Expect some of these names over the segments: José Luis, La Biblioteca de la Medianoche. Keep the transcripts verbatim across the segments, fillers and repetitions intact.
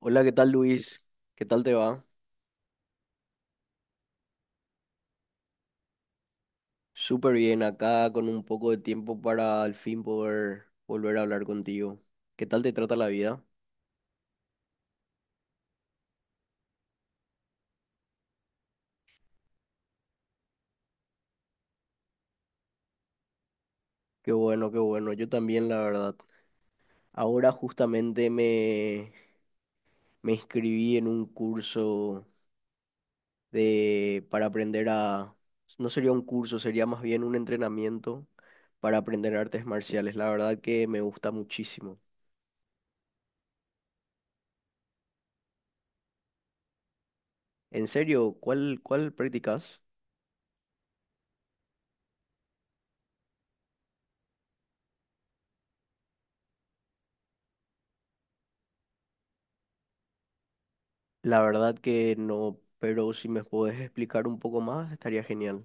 Hola, ¿qué tal Luis? ¿Qué tal te va? Súper bien, acá con un poco de tiempo para al fin poder volver a hablar contigo. ¿Qué tal te trata la vida? Qué bueno, qué bueno, yo también la verdad. Ahora justamente me, me inscribí en un curso de, para aprender a... No sería un curso, sería más bien un entrenamiento para aprender artes marciales. La verdad que me gusta muchísimo. En serio, ¿cuál, cuál practicas? La verdad que no, pero si me puedes explicar un poco más, estaría genial.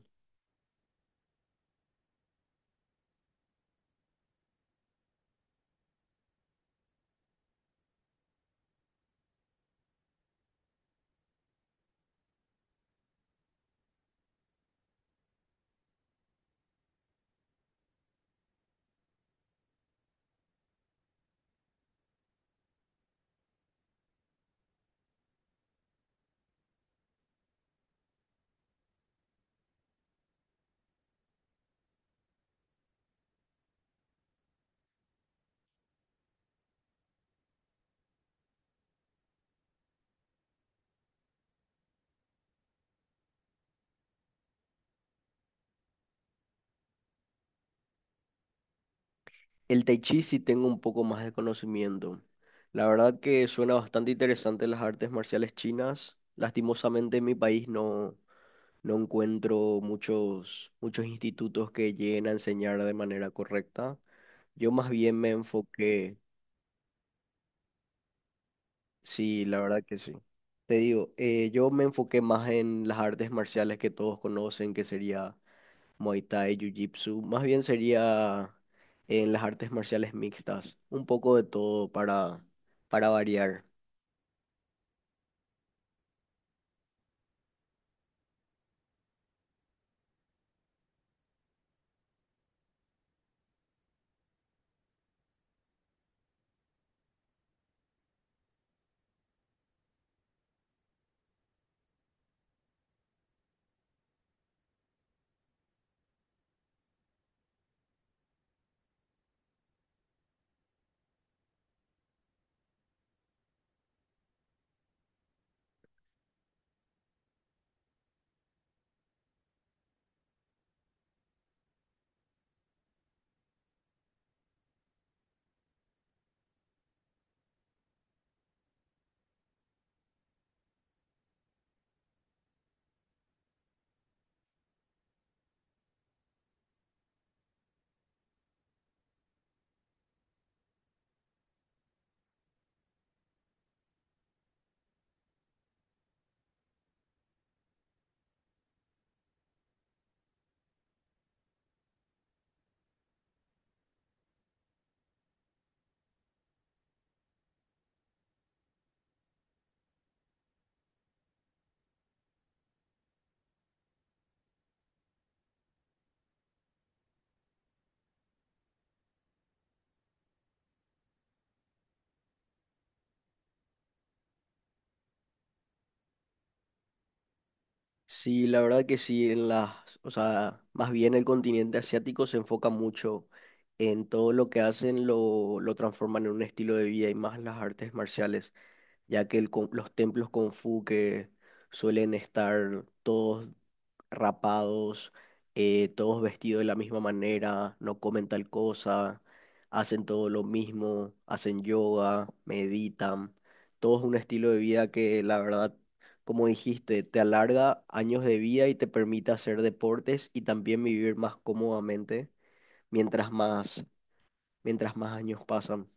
El Tai Chi sí tengo un poco más de conocimiento. La verdad que suena bastante interesante las artes marciales chinas. Lastimosamente en mi país no, no encuentro muchos, muchos institutos que lleguen a enseñar de manera correcta. Yo más bien me enfoqué, sí, la verdad que sí. Te digo, eh, yo me enfoqué más en las artes marciales que todos conocen, que sería Muay Thai, Jiu-Jitsu. Más bien sería en las artes marciales mixtas, un poco de todo para, para variar. Sí, la verdad que sí, en las, o sea, más bien el continente asiático se enfoca mucho en todo lo que hacen, lo, lo transforman en un estilo de vida y más las artes marciales, ya que el, con- los templos Kung Fu que suelen estar todos rapados, eh, todos vestidos de la misma manera, no comen tal cosa, hacen todo lo mismo, hacen yoga, meditan, todo es un estilo de vida que la verdad, como dijiste, te alarga años de vida y te permite hacer deportes y también vivir más cómodamente mientras más, mientras más años pasan.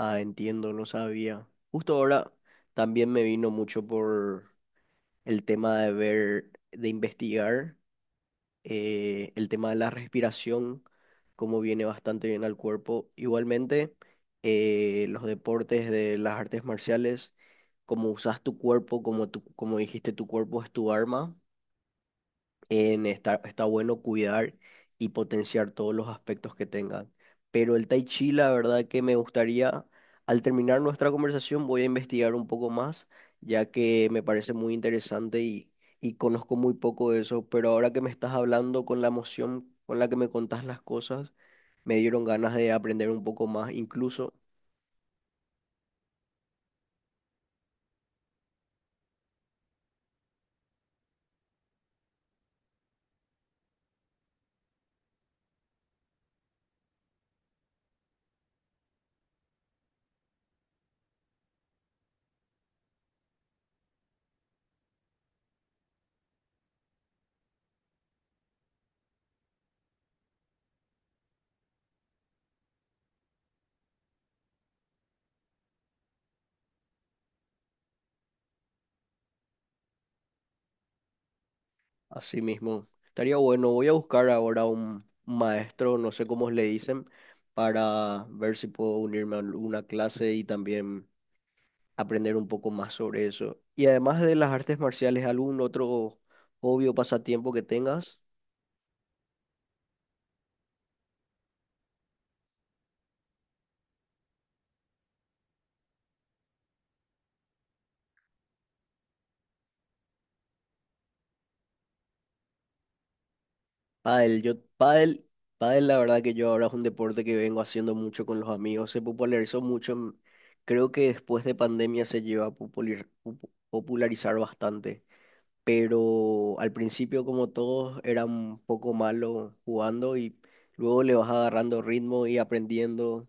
Ah, entiendo, no sabía. Justo ahora también me vino mucho por el tema de ver, de investigar. Eh, el tema de la respiración, cómo viene bastante bien al cuerpo. Igualmente, eh, los deportes de las artes marciales, cómo usas tu cuerpo, como tú, como dijiste, tu cuerpo es tu arma en está, está bueno cuidar y potenciar todos los aspectos que tengan. Pero el Tai Chi, la verdad que me gustaría, al terminar nuestra conversación, voy a investigar un poco más, ya que me parece muy interesante y, y conozco muy poco de eso. Pero ahora que me estás hablando con la emoción con la que me contás las cosas, me dieron ganas de aprender un poco más. Incluso así mismo. Estaría bueno. Voy a buscar ahora un maestro, no sé cómo le dicen, para ver si puedo unirme a una clase y también aprender un poco más sobre eso. Y además de las artes marciales, ¿algún otro hobby o pasatiempo que tengas? Pádel. Yo, pádel, pádel, la verdad que yo ahora es un deporte que vengo haciendo mucho con los amigos. Se popularizó mucho. en- Creo que después de pandemia se lleva a popular- popu- popularizar bastante. Pero al principio como todos era un poco malo jugando y luego le vas agarrando ritmo y aprendiendo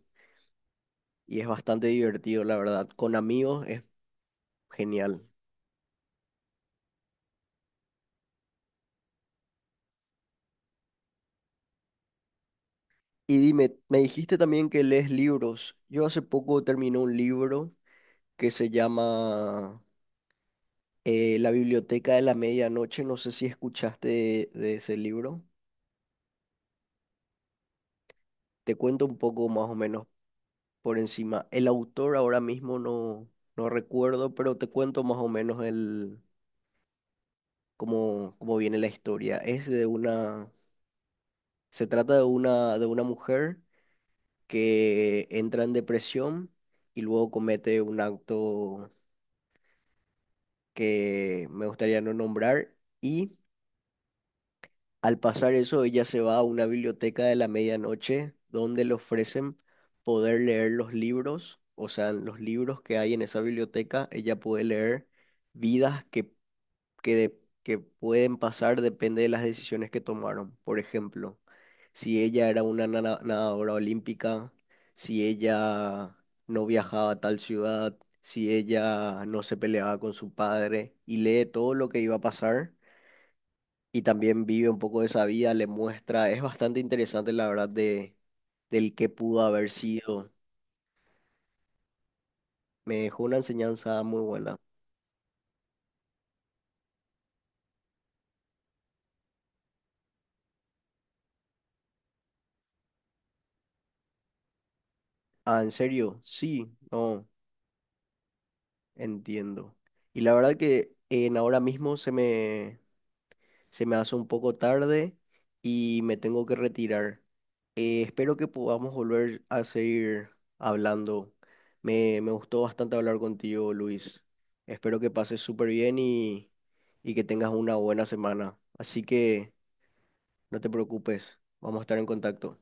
y es bastante divertido, la verdad. Con amigos es genial. Y dime, me dijiste también que lees libros. Yo hace poco terminé un libro que se llama eh, La Biblioteca de la Medianoche. No sé si escuchaste de, de ese libro. Te cuento un poco más o menos por encima. El autor ahora mismo no, no recuerdo, pero te cuento más o menos el, cómo, cómo viene la historia. Es de una, se trata de una, de una mujer que entra en depresión y luego comete un acto que me gustaría no nombrar y al pasar eso ella se va a una biblioteca de la medianoche donde le ofrecen poder leer los libros, o sea, los libros que hay en esa biblioteca, ella puede leer vidas que que, de- que pueden pasar depende de las decisiones que tomaron. Por ejemplo, si ella era una nana- nadadora olímpica, si ella no viajaba a tal ciudad, si ella no se peleaba con su padre y lee todo lo que iba a pasar y también vive un poco de esa vida, le muestra, es bastante interesante la verdad de, del que pudo haber sido. Me dejó una enseñanza muy buena. Ah, ¿en serio? Sí, no. Entiendo. Y la verdad que en ahora mismo se me, se me hace un poco tarde y me tengo que retirar. Eh, espero que podamos volver a seguir hablando. Me, me gustó bastante hablar contigo, Luis. Espero que pases súper bien y, y que tengas una buena semana. Así que no te preocupes, vamos a estar en contacto.